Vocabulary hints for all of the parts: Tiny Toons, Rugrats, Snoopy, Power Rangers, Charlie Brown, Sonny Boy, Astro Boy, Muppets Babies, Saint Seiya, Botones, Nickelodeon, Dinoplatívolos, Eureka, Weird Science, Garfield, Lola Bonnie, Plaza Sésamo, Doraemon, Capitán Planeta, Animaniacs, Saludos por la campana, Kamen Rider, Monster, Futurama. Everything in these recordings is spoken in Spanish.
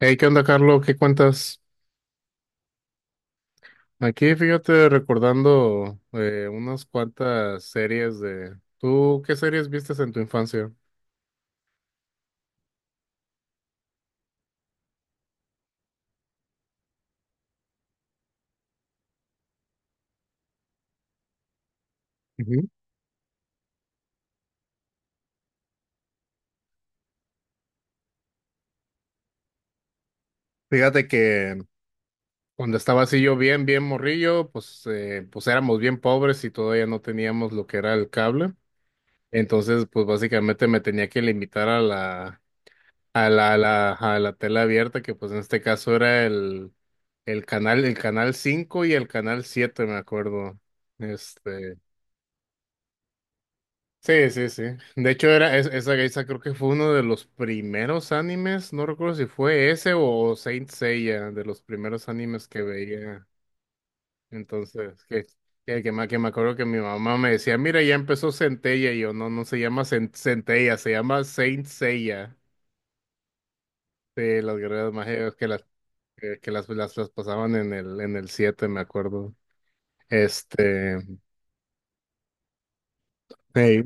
Hey, ¿qué onda, Carlos? ¿Qué cuentas? Aquí, fíjate, recordando unas cuantas series de ¿tú qué series vistes en tu infancia? Ujú. Fíjate que cuando estaba así yo bien morrillo, pues, pues éramos bien pobres y todavía no teníamos lo que era el cable. Entonces, pues básicamente me tenía que limitar a la tela abierta, que pues en este caso era el canal 5 y el canal 7, me acuerdo. Este Sí, sí, sí. De hecho, era esa creo que fue uno de los primeros animes. No recuerdo si fue ese o Saint Seiya, de los primeros animes que veía. Entonces, que me acuerdo que mi mamá me decía, mira, ya empezó Centella. Y yo, no, no se llama Centella, se llama Saint Seiya. Sí, las guerreras mágicas que las pasaban en el siete, me acuerdo. Este, hey,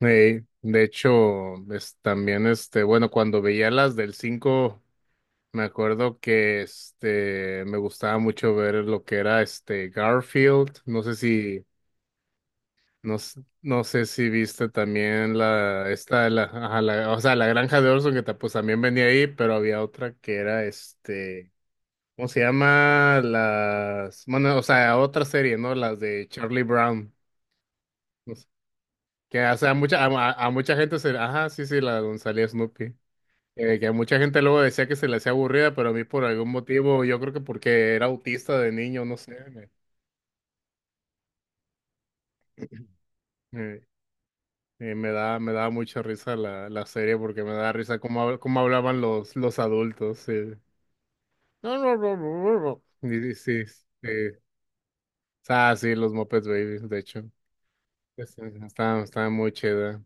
hey. De hecho, es, también este, bueno, cuando veía las del 5 me acuerdo que este me gustaba mucho ver lo que era este Garfield. No sé si no sé si viste también ajá, o sea, la granja de Orson que pues también venía ahí, pero había otra que era este ¿cómo se llama? Las bueno, o sea, otra serie, ¿no? Las de Charlie Brown. No sé, que o sea, a mucha gente se ajá, sí, sí, la donde salía Snoopy. Que mucha gente luego decía que se le hacía aburrida, pero a mí por algún motivo, yo creo que porque era autista de niño, no sé, me, me, me daba mucha risa la serie porque me da risa cómo hablaban los adultos. Sí. No, no, no, no, no, no. Y sí, sí. Ah, sí, los Muppets Babies, de hecho. Pues, estaba, estaba muy chida.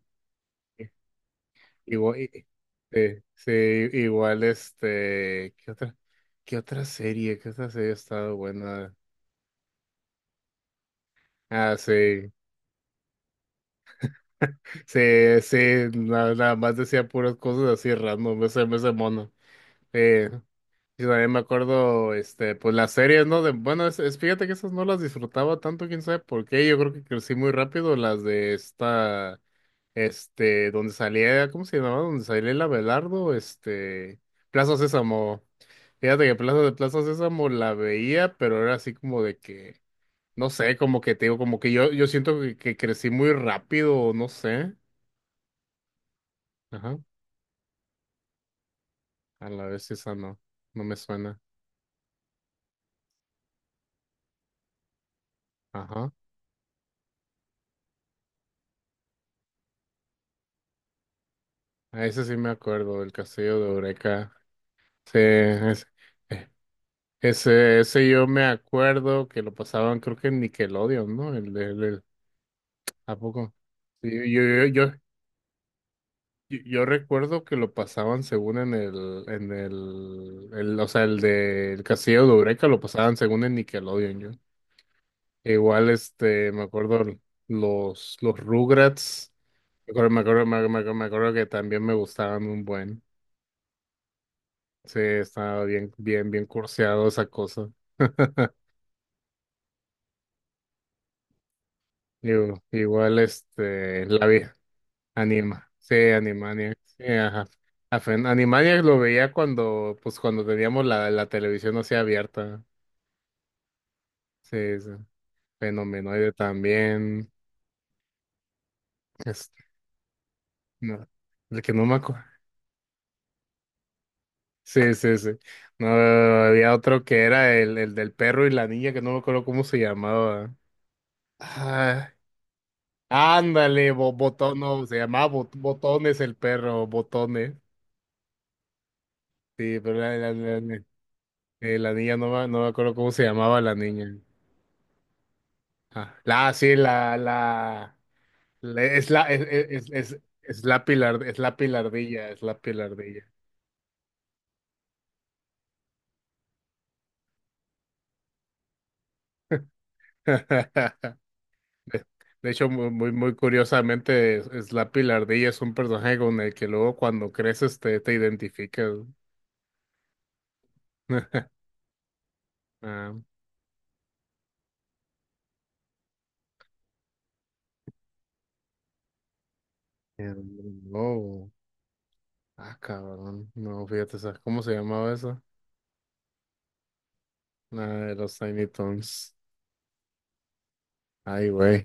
Igual, sí, sí, igual este, qué otra serie? ¿Qué otra serie ha estado buena? Ah, sí. Sí, sí, nada, más decía puras cosas así random, ese mono. Eh, y también me acuerdo, este, pues las series, ¿no? De, bueno, fíjate que esas no las disfrutaba tanto, quién sabe por qué. Yo creo que crecí muy rápido las de esta, este, donde salía, ¿cómo se llamaba? Donde salía el Abelardo, este, Plaza Sésamo. Fíjate que Plaza Sésamo la veía, pero era así como de que, no sé, como que te digo, como que yo siento que crecí muy rápido, no sé. Ajá. A la vez esa no, no me suena. Ajá. A ese sí me acuerdo, el castillo de Eureka. Sí, eh, ese yo me acuerdo que lo pasaban, creo que en Nickelodeon, ¿no? El, de- el- ¿a poco? Sí, yo recuerdo que lo pasaban según en o sea, el del castillo de Eureka lo pasaban según en Nickelodeon, yo. Igual, este, me acuerdo los Rugrats. Me acuerdo que también me gustaban un buen. Sí, estaba bien curseado esa cosa. Digo, igual, este, la vida, anima, sí, Animaniacs, sí, ajá. A Animaniacs lo veía cuando, pues cuando teníamos la televisión así abierta, sí, sí. Fenomenoide también, este, no, el que no me acuerdo, sí, sí, sí, no, había otro que era el del perro y la niña, que no me acuerdo cómo se llamaba. Ah, ándale, bo- botón, no, se llamaba Bot- Botones el perro, Botones. Sí, pero la niña no me, no me acuerdo cómo se llamaba la niña. Ah, la, sí, la- es es la pilar, es la pilardilla, es la pilardilla. De, de hecho, muy curiosamente, es la pilardilla es un personaje con el que luego cuando creces te, te identificas. Ah, no. Ah, cabrón. No, fíjate, ¿sabes cómo se llamaba eso? Nada, de los Tiny Toons. Ay, güey.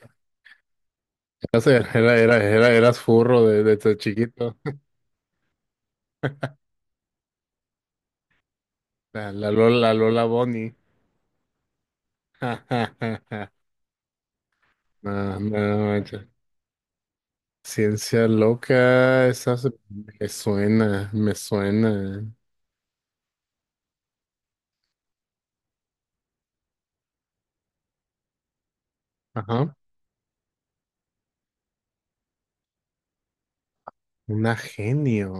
Era, era, era, era- eras furro de tu chiquito. La, la Lola Bonnie. Ja, ja, ja, ja. No, no, manches. Ciencia loca, me suena, me suena. Ajá. Una genio.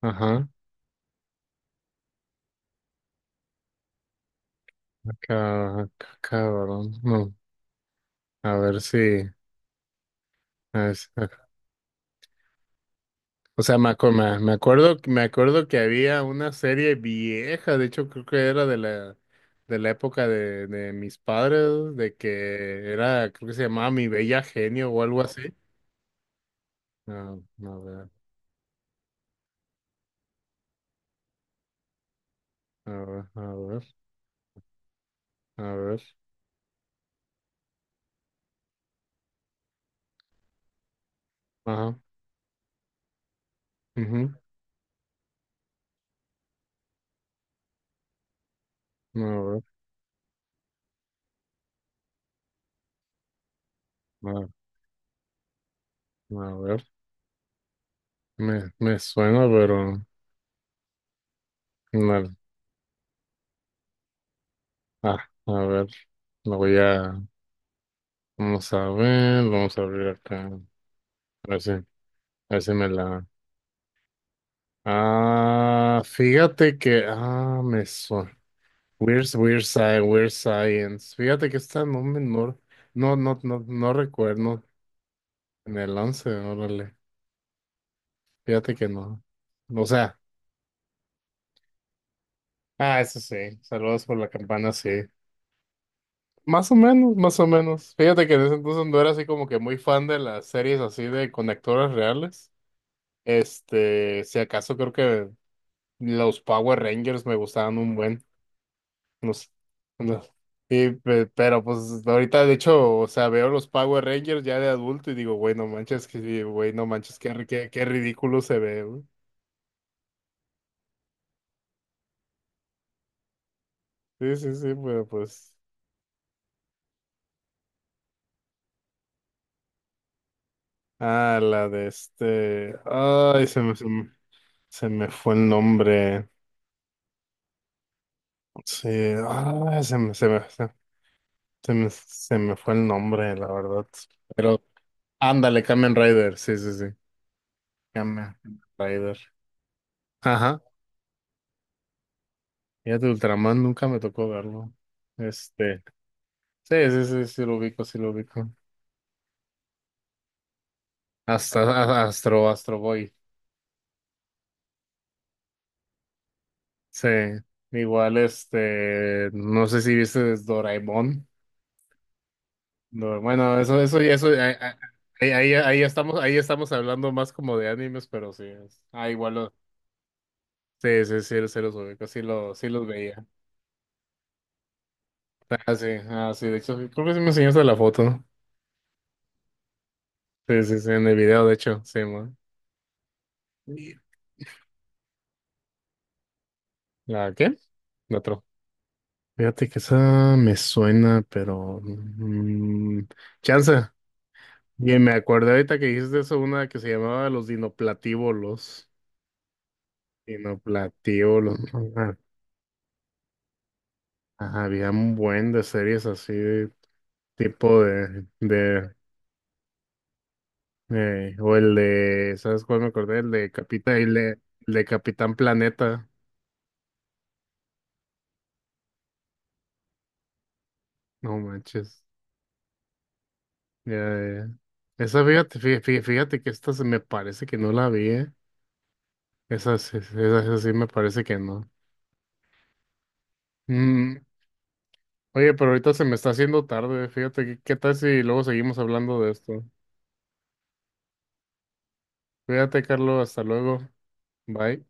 Ajá. Ah, cabrón. No. A ver si. A ver, si- o sea, me acuerdo que había una serie vieja, de hecho creo que era de de la época de mis padres, de que era, creo que se llamaba Mi Bella Genio o algo así. Ah, a ver, a ver, a ver, a ver, ajá, ujú, a ver, a, a ver, me suena, pero no, ah, a ver, lo voy a, vamos a ver, vamos a abrir acá, a ver si me la Ah, fíjate que, ah, me suena. Weird, Science, Weird Science. Fíjate que está no menor. No, no, no, no recuerdo en el 11, órale. Fíjate que no. O sea, ah, eso sí. Saludos por la campana, sí. Más o menos, más o menos. Fíjate que en ese entonces no era así como que muy fan de las series así de conectores reales. Este, si acaso creo que los Power Rangers me gustaban un buen. No sé, no. Pero pues ahorita de hecho, o sea, veo los Power Rangers ya de adulto y digo, güey, no manches, que, sí, güey, no manches, qué, qué ridículo se ve, güey. Sí, sí, sí, pero pues. Ah, la de este. Ay, se me fue el nombre. Sí, ah, se me, se me, se, se me fue el nombre, la verdad. Pero ándale, Kamen Rider, sí, sí, sí. Kamen Rider. Ajá. Ya de Ultraman nunca me tocó verlo. Este. Sí, sí, sí, sí lo ubico, sí lo ubico. Astro Boy. Sí. Igual, este, no sé si viste Doraemon. No, bueno, eso, ahí, ahí estamos hablando más como de animes, pero sí. Ah, igual, lo- sí, sí, sí, sí los ubico, sí, lo, sí los veía. Ah, sí, ah, sí, de hecho, creo que sí me enseñaste la foto. Sí, sí, sí, en el video, de hecho, sí, man. ¿La qué? La Fíjate que esa me suena, pero mm, chanza. Y me acordé ahorita que dijiste eso, una que se llamaba los dinoplatívolos. Dinoplatívolos. Ajá. Ajá, había un buen de series así, de de o el de, ¿sabes cuál me acordé? El de Capitán Planeta. No manches. Ya, ya. Esa, fíjate, fíjate, que esta se me parece que no la vi, ¿eh? Esa, esa, esa sí me parece que no. Mm, oye, pero ahorita se me está haciendo tarde. Fíjate, ¿qué qué tal si luego seguimos hablando de esto? Cuídate, Carlos. Hasta luego. Bye.